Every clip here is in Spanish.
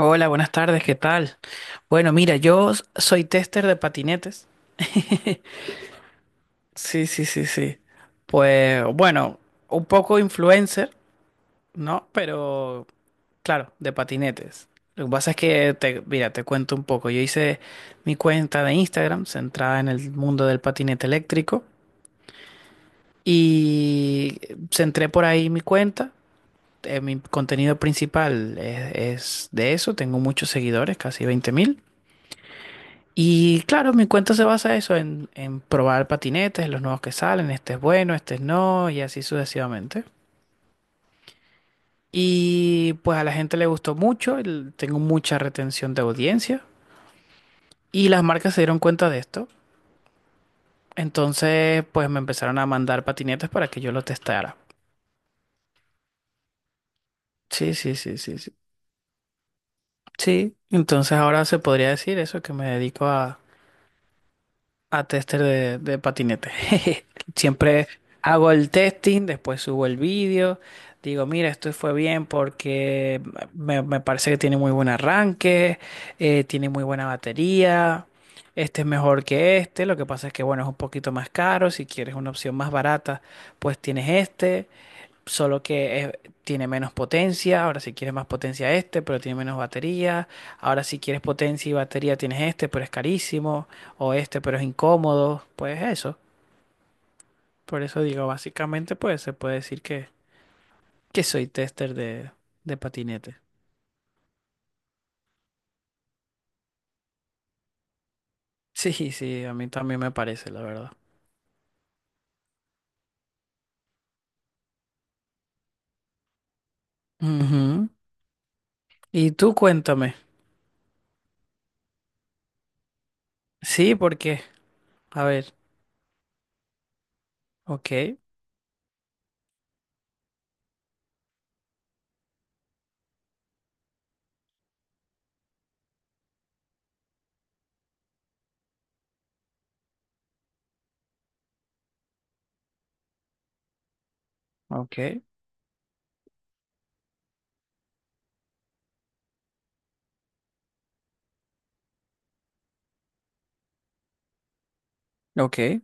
Hola, buenas tardes, ¿qué tal? Bueno, mira, yo soy tester de patinetes. Sí, sí, sí, sí. Pues bueno, un poco influencer, ¿no? Pero claro, de patinetes. Lo que pasa es que, mira, te cuento un poco. Yo hice mi cuenta de Instagram centrada en el mundo del patinete eléctrico y centré por ahí mi cuenta. Mi contenido principal es de eso. Tengo muchos seguidores, casi 20.000. Y claro, mi cuento se basa eso en probar patinetes, los nuevos que salen, este es bueno, este es no, y así sucesivamente. Y pues a la gente le gustó mucho, tengo mucha retención de audiencia y las marcas se dieron cuenta de esto. Entonces, pues me empezaron a mandar patinetes para que yo los testara. Sí, sí, sí, sí, sí. Sí, entonces ahora se podría decir eso, que me dedico a tester de patinete. Siempre hago el testing, después subo el vídeo, digo, mira, esto fue bien porque me parece que tiene muy buen arranque, tiene muy buena batería, este es mejor que este, lo que pasa es que, bueno, es un poquito más caro, si quieres una opción más barata, pues tienes este. Solo que tiene menos potencia, ahora si quieres más potencia este, pero tiene menos batería. Ahora si quieres potencia y batería tienes este, pero es carísimo. O este, pero es incómodo. Pues eso. Por eso digo, básicamente pues se puede decir que soy tester de patinete. Sí, sí, a mí también me parece, la verdad. Ujú. Y tú cuéntame. Sí, porque, a ver, ok, ok, ok.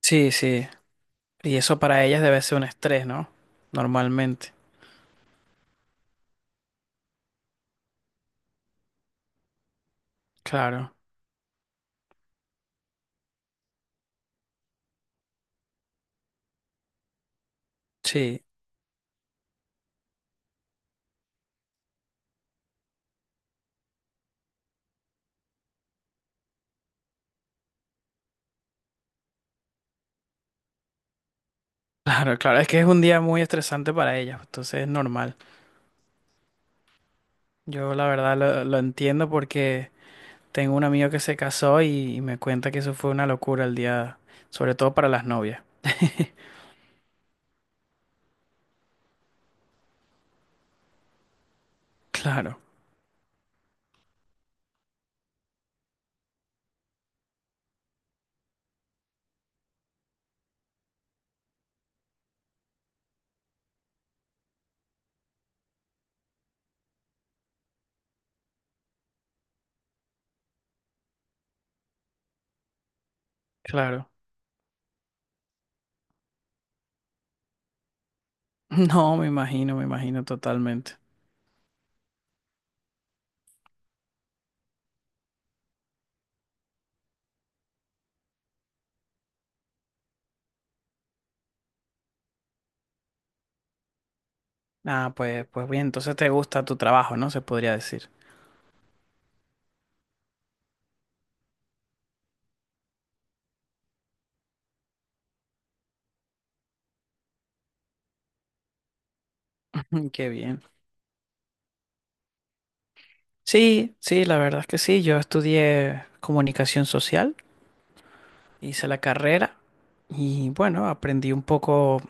Sí, sí. Y eso para ellas debe ser un estrés, ¿no? Normalmente. Claro. Sí, claro, claro, es que es un día muy estresante para ellas, entonces es normal. Yo la verdad lo entiendo porque tengo un amigo que se casó y me cuenta que eso fue una locura el día, sobre todo para las novias. Claro, claro. No, me imagino totalmente. Ah, pues, pues bien, entonces te gusta tu trabajo, ¿no? Se podría decir. Mm, qué bien. Sí, sí, la verdad es que sí. Yo estudié comunicación social, hice la carrera y bueno, aprendí un poco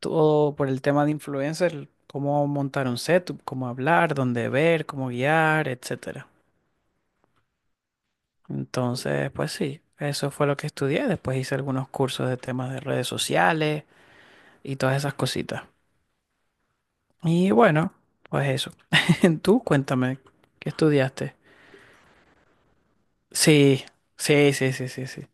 todo por el tema de influencers, cómo montar un setup, cómo hablar, dónde ver, cómo guiar, etcétera. Entonces, pues sí, eso fue lo que estudié. Después hice algunos cursos de temas de redes sociales y todas esas cositas. Y bueno, pues eso. Tú cuéntame, ¿qué estudiaste? Sí, sí, sí, sí, sí, sí.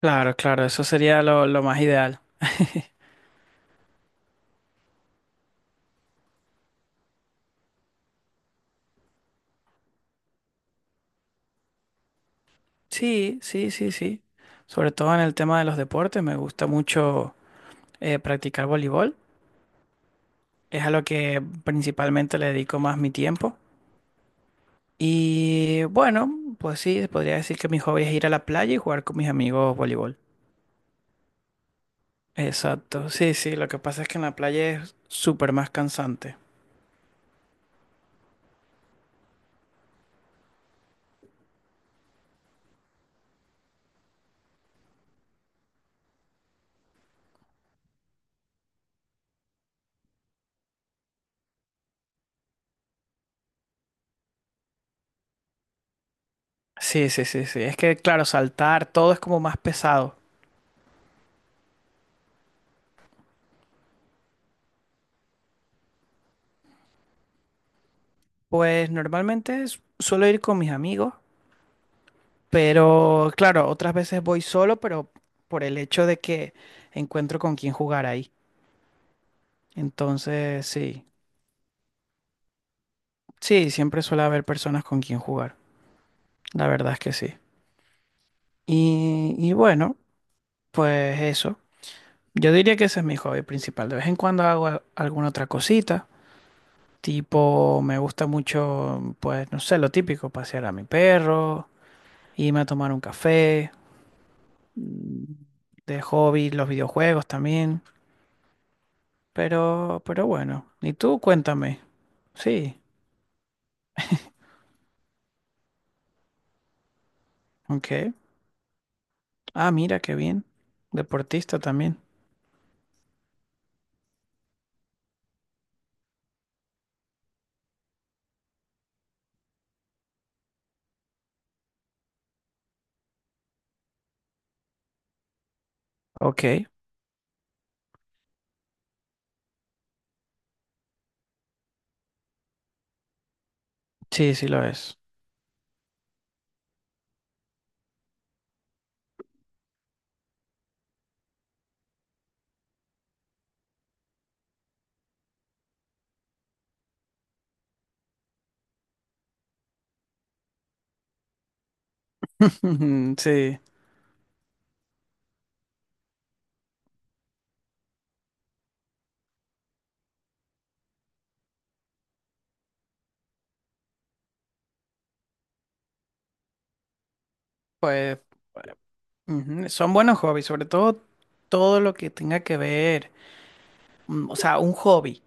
Claro, claro, eso sería lo más ideal. Sí, sí, sí, sí. Sobre todo en el tema de los deportes, me gusta mucho practicar voleibol. Es a lo que principalmente le dedico más mi tiempo. Y bueno, pues sí, podría decir que mi hobby es ir a la playa y jugar con mis amigos voleibol. Exacto, sí, sí, lo que pasa es que en la playa es súper más cansante. Sí, sí, sí, sí. Es que, claro, saltar, todo es como más pesado. Pues normalmente suelo ir con mis amigos, pero claro, otras veces voy solo, pero por el hecho de que encuentro con quién jugar ahí. Entonces, sí, sí, siempre suele haber personas con quien jugar. La verdad es que sí. Y bueno, pues eso. Yo diría que ese es mi hobby principal. De vez en cuando hago alguna otra cosita. Tipo, me gusta mucho, pues, no sé, lo típico, pasear a mi perro, irme a tomar un café. Mm, de hobby, los videojuegos también. Pero bueno. Y tú, cuéntame. Sí, ok. Ah, mira, qué bien. Deportista también. Ok. Sí, sí lo es. Sí. Pues. Ujú, son buenos hobbies, sobre todo todo lo que tenga que ver, mm, o sea, un hobby,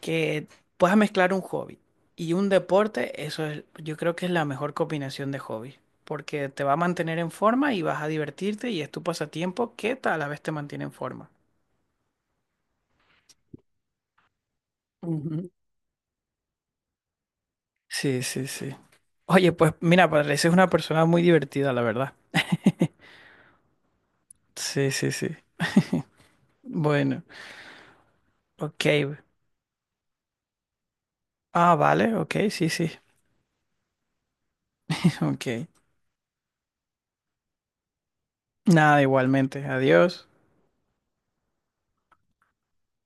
que puedas mezclar un hobby y un deporte, eso es, yo creo que es la mejor combinación de hobbies, porque te va a mantener en forma y vas a divertirte y es tu pasatiempo que a la vez te mantiene en forma. Ujú. Sí, sí, sí. Oye, pues mira, pareces una persona muy divertida, la verdad. Sí, sí, sí. Bueno, ok. Ah, vale, ok, sí, sí. Ok. Nada, igualmente. Adiós.